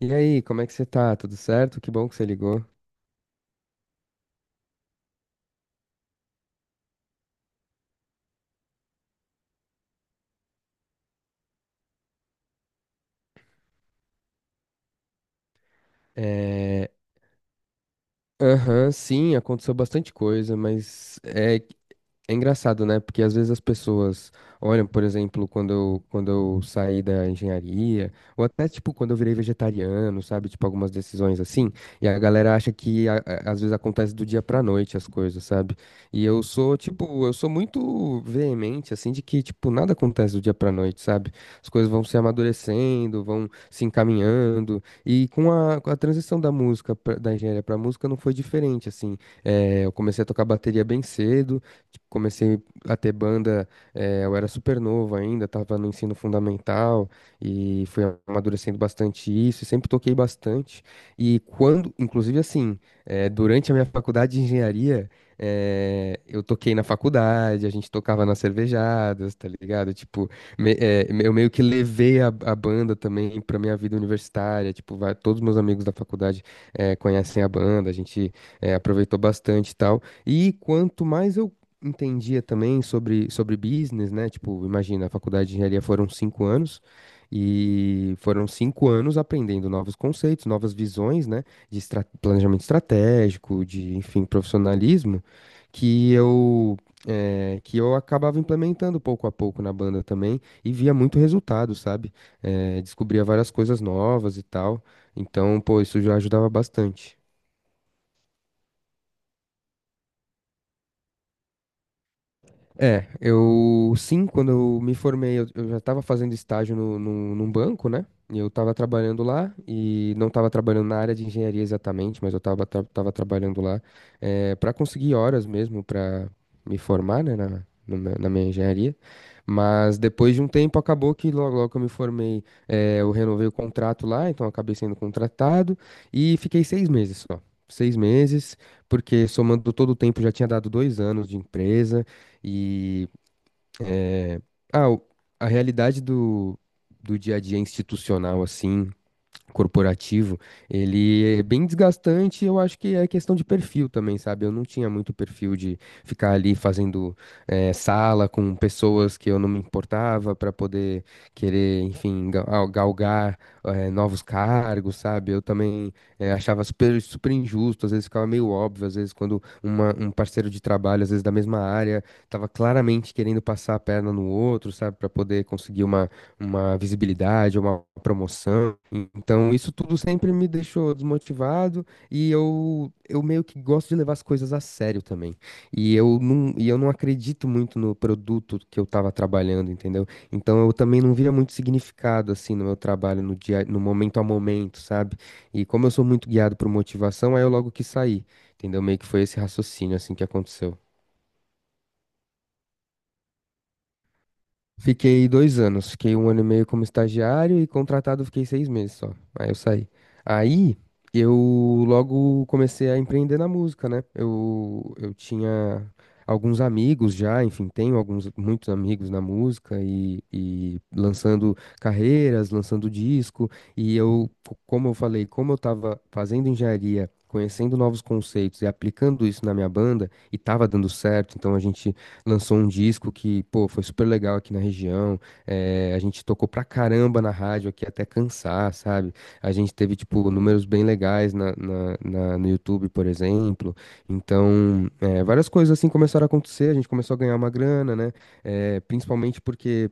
E aí, como é que você tá? Tudo certo? Que bom que você ligou. É. Aham, sim, aconteceu bastante coisa, mas é. É engraçado, né? Porque às vezes as pessoas olham, por exemplo, quando eu saí da engenharia, ou até tipo quando eu virei vegetariano, sabe? Tipo algumas decisões assim, e a galera acha que às vezes acontece do dia pra noite as coisas, sabe? E eu sou, tipo, eu sou muito veemente, assim, de que, tipo, nada acontece do dia pra noite, sabe? As coisas vão se amadurecendo, vão se encaminhando, e com a, transição da música, da engenharia pra música, não foi diferente, assim. Eu comecei a tocar bateria bem cedo. Tipo, comecei a ter banda, eu era super novo ainda, tava no ensino fundamental e fui amadurecendo bastante isso, sempre toquei bastante. E quando, inclusive assim, durante a minha faculdade de engenharia, eu toquei na faculdade, a gente tocava nas cervejadas, tá ligado? Tipo, eu meio que levei a, banda também pra minha vida universitária, tipo, todos meus amigos da faculdade conhecem a banda, a gente aproveitou bastante e tal. E quanto mais eu entendia também sobre business, né? Tipo, imagina, a faculdade de engenharia foram 5 anos e foram 5 anos aprendendo novos conceitos, novas visões, né? De planejamento estratégico, de, enfim, profissionalismo, que eu, que eu acabava implementando pouco a pouco na banda também e via muito resultado, sabe? Descobria várias coisas novas e tal. Então, pô, isso já ajudava bastante. É, eu sim, quando eu me formei, eu já estava fazendo estágio num banco, né? E eu estava trabalhando lá e não estava trabalhando na área de engenharia exatamente, mas eu estava tra tava trabalhando lá para conseguir horas mesmo para me formar, né, na, no meu- na minha engenharia. Mas depois de um tempo acabou que logo, logo que eu me formei, eu renovei o contrato lá, então eu acabei sendo contratado e fiquei 6 meses só. 6 meses, porque somando todo o tempo já tinha dado 2 anos de empresa. E ah, o- a realidade do, dia a dia institucional, assim, corporativo, ele é bem desgastante, eu acho que é questão de perfil também, sabe? Eu não tinha muito perfil de ficar ali fazendo sala com pessoas que eu não me importava para poder querer, enfim, galgar novos cargos, sabe? Eu também achava super, super injusto, às vezes ficava meio óbvio, às vezes quando um parceiro de trabalho, às vezes da mesma área, estava claramente querendo passar a perna no outro, sabe? Para poder conseguir uma, visibilidade, uma promoção. Então, isso tudo sempre me deixou desmotivado e eu meio que gosto de levar as coisas a sério também. e eu não acredito muito no produto que eu estava trabalhando, entendeu? Então, eu também não via muito significado assim no meu trabalho, no dia, no momento a momento, sabe? E como eu sou muito guiado por motivação, aí eu logo quis sair, entendeu? Meio que foi esse raciocínio assim que aconteceu. Fiquei 2 anos, fiquei 1 ano e meio como estagiário e contratado fiquei 6 meses só. Aí eu saí. Aí eu logo comecei a empreender na música, né? Eu tinha alguns amigos já, enfim, tenho alguns, muitos amigos na música e lançando carreiras, lançando disco. E eu, como eu falei, como eu tava fazendo engenharia. Conhecendo novos conceitos e aplicando isso na minha banda, e tava dando certo, então a gente lançou um disco que, pô, foi super legal aqui na região. A gente tocou pra caramba na rádio aqui até cansar, sabe? A gente teve, tipo, números bem legais na, no YouTube, por exemplo. Então, várias coisas assim começaram a acontecer, a gente começou a ganhar uma grana, né? Principalmente porque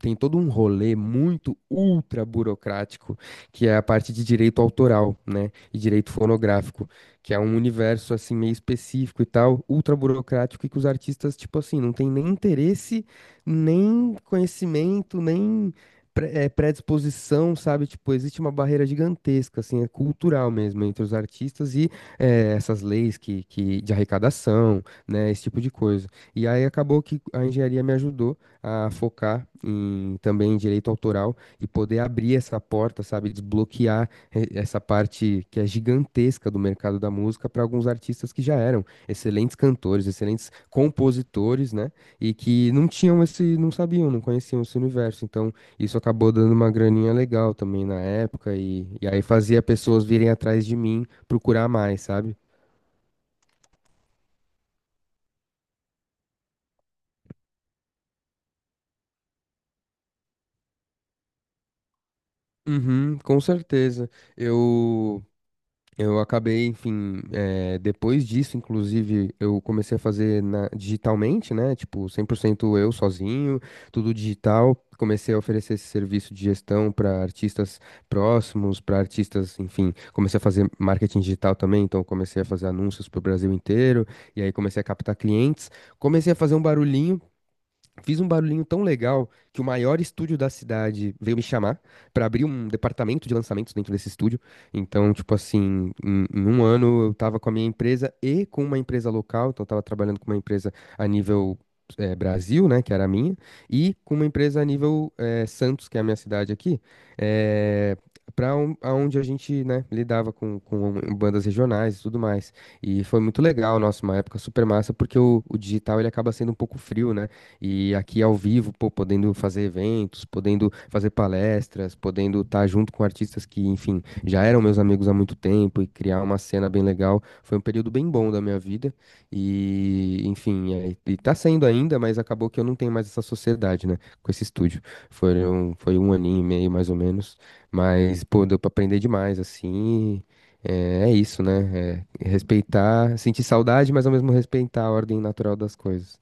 tem todo um rolê muito ultra burocrático, que é a parte de direito autoral, né? E direito fonográfico, que é um universo assim meio específico e tal, ultra burocrático e que os artistas, tipo assim, não tem nem interesse, nem conhecimento, nem predisposição, sabe? Tipo, existe uma barreira gigantesca, assim, é cultural mesmo entre os artistas e essas leis que de arrecadação, né? Esse tipo de coisa. E aí acabou que a engenharia me ajudou a focar em também direito autoral e poder abrir essa porta, sabe, desbloquear essa parte que é gigantesca do mercado da música para alguns artistas que já eram excelentes cantores, excelentes compositores, né, e que não tinham esse, não sabiam, não conheciam esse universo. Então, isso acabou dando uma graninha legal também na época e aí fazia pessoas virem atrás de mim procurar mais, sabe? Uhum, com certeza. Eu Eu acabei, enfim, depois disso, inclusive, eu comecei a fazer digitalmente, né? Tipo, 100% eu sozinho, tudo digital. Comecei a oferecer esse serviço de gestão para artistas próximos, para artistas, enfim. Comecei a fazer marketing digital também, então comecei a fazer anúncios para o Brasil inteiro. E aí comecei a captar clientes. Comecei a fazer um barulhinho. Fiz um barulhinho tão legal que o maior estúdio da cidade veio me chamar pra abrir um departamento de lançamentos dentro desse estúdio. Então, tipo assim, em, 1 ano eu tava com a minha empresa e com uma empresa local, então eu tava trabalhando com uma empresa a nível Brasil, né, que era a minha, e com uma empresa a nível Santos, que é a minha cidade aqui, eh, para onde a gente, né, lidava com, bandas regionais e tudo mais. E foi muito legal, nossa, uma época super massa, porque o digital ele acaba sendo um pouco frio, né? E aqui ao vivo, pô, podendo fazer eventos, podendo fazer palestras, podendo estar junto com artistas que, enfim, já eram meus amigos há muito tempo e criar uma cena bem legal. Foi um período bem bom da minha vida. E, enfim, é, e tá sendo ainda, mas acabou que eu não tenho mais essa sociedade, né, com esse estúdio. Foi um aninho e meio, mais ou menos. Mas, pô, deu pra aprender demais, assim. É, é isso, né? É respeitar, sentir saudade, mas ao mesmo respeitar a ordem natural das coisas.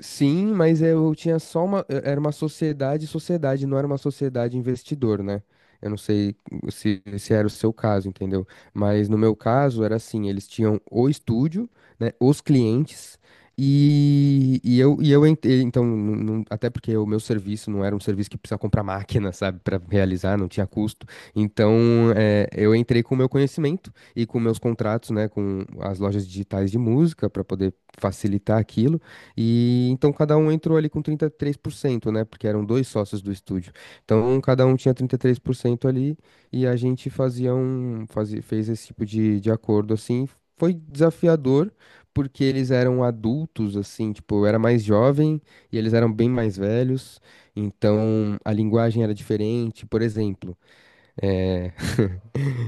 Sim, mas eu tinha só uma. Era uma sociedade, sociedade, não era uma sociedade investidor, né? Eu não sei se era o seu caso, entendeu? Mas no meu caso era assim: eles tinham o estúdio, né? Os clientes. E eu entrei, então, até porque o meu serviço não era um serviço que precisa comprar máquina, sabe, para realizar, não tinha custo. Então, eu entrei com o meu conhecimento e com meus contratos, né, com as lojas digitais de música, para poder facilitar aquilo. E então cada um entrou ali com 33%, né? Porque eram dois sócios do estúdio. Então cada um tinha 33% ali e a gente fez esse tipo de acordo assim. Foi desafiador porque eles eram adultos, assim, tipo, eu era mais jovem e eles eram bem mais velhos, então a linguagem era diferente. Por exemplo,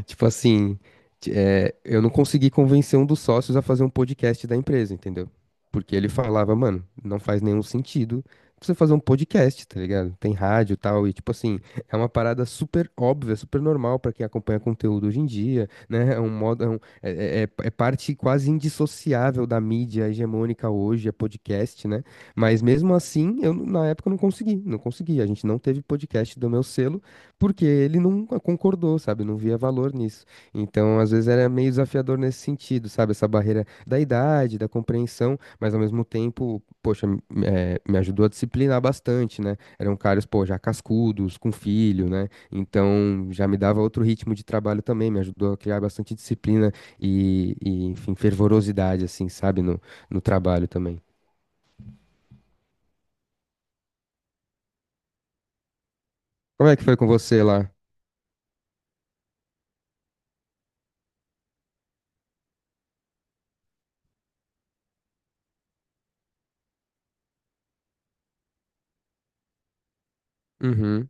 tipo assim, eu não consegui convencer um dos sócios a fazer um podcast da empresa, entendeu? Porque ele falava, mano, não faz nenhum sentido você fazer um podcast, tá ligado? Tem rádio e tal, e tipo assim, é uma parada super óbvia, super normal pra quem acompanha conteúdo hoje em dia, né? É um modo, é, um- é- é- é é parte quase indissociável da mídia hegemônica hoje, é podcast, né? Mas mesmo assim, eu na época eu não consegui, não consegui. A gente não teve podcast do meu selo. Porque ele não concordou, sabe? Não via valor nisso. Então, às vezes era meio desafiador nesse sentido, sabe? Essa barreira da idade, da compreensão, mas ao mesmo tempo, poxa, me ajudou a disciplinar bastante, né? Eram caras, pô, já cascudos, com filho, né? Então, já me dava outro ritmo de trabalho também, me ajudou a criar bastante disciplina enfim, fervorosidade, assim, sabe? No, no trabalho também. Como é que foi com você lá? Uhum.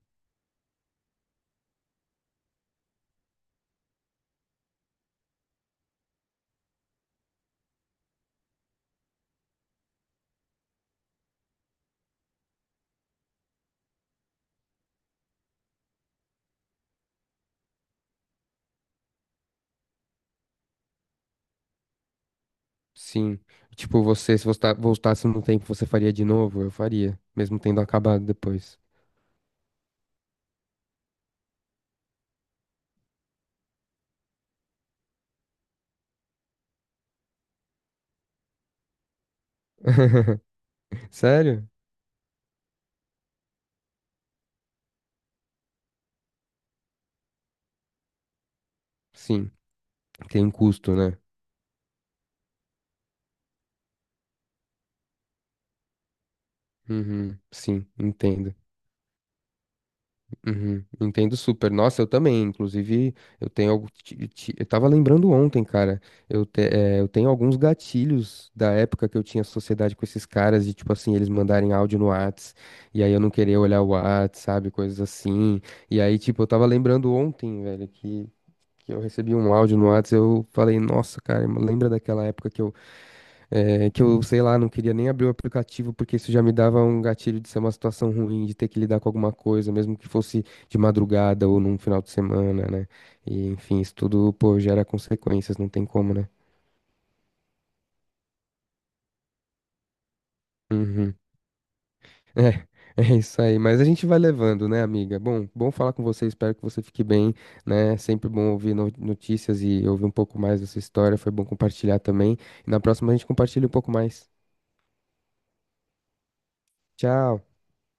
Sim. Tipo, se você voltasse no tempo, você faria de novo? Eu faria, mesmo tendo acabado depois. Sério? Sim. Tem um custo, né? Uhum, sim, entendo. Uhum, entendo super. Nossa, eu também. Inclusive, eu tenho algo. Eu tava lembrando ontem, cara. Eu tenho alguns gatilhos da época que eu tinha sociedade com esses caras, de tipo assim, eles mandarem áudio no Whats, e aí eu não querer olhar o Whats, sabe? Coisas assim. E aí, tipo, eu tava lembrando ontem, velho, que eu recebi um áudio no Whats, eu falei, nossa, cara, lembra daquela época que eu, que eu, sei lá, não queria nem abrir o aplicativo, porque isso já me dava um gatilho de ser uma situação ruim, de ter que lidar com alguma coisa, mesmo que fosse de madrugada ou num final de semana, né? E, enfim, isso tudo, pô, gera consequências, não tem como, né? Uhum. É, é isso aí. Mas a gente vai levando, né, amiga? Bom, bom falar com você. Espero que você fique bem, né? Sempre bom ouvir notícias e ouvir um pouco mais dessa história. Foi bom compartilhar também. E na próxima a gente compartilha um pouco mais. Tchau.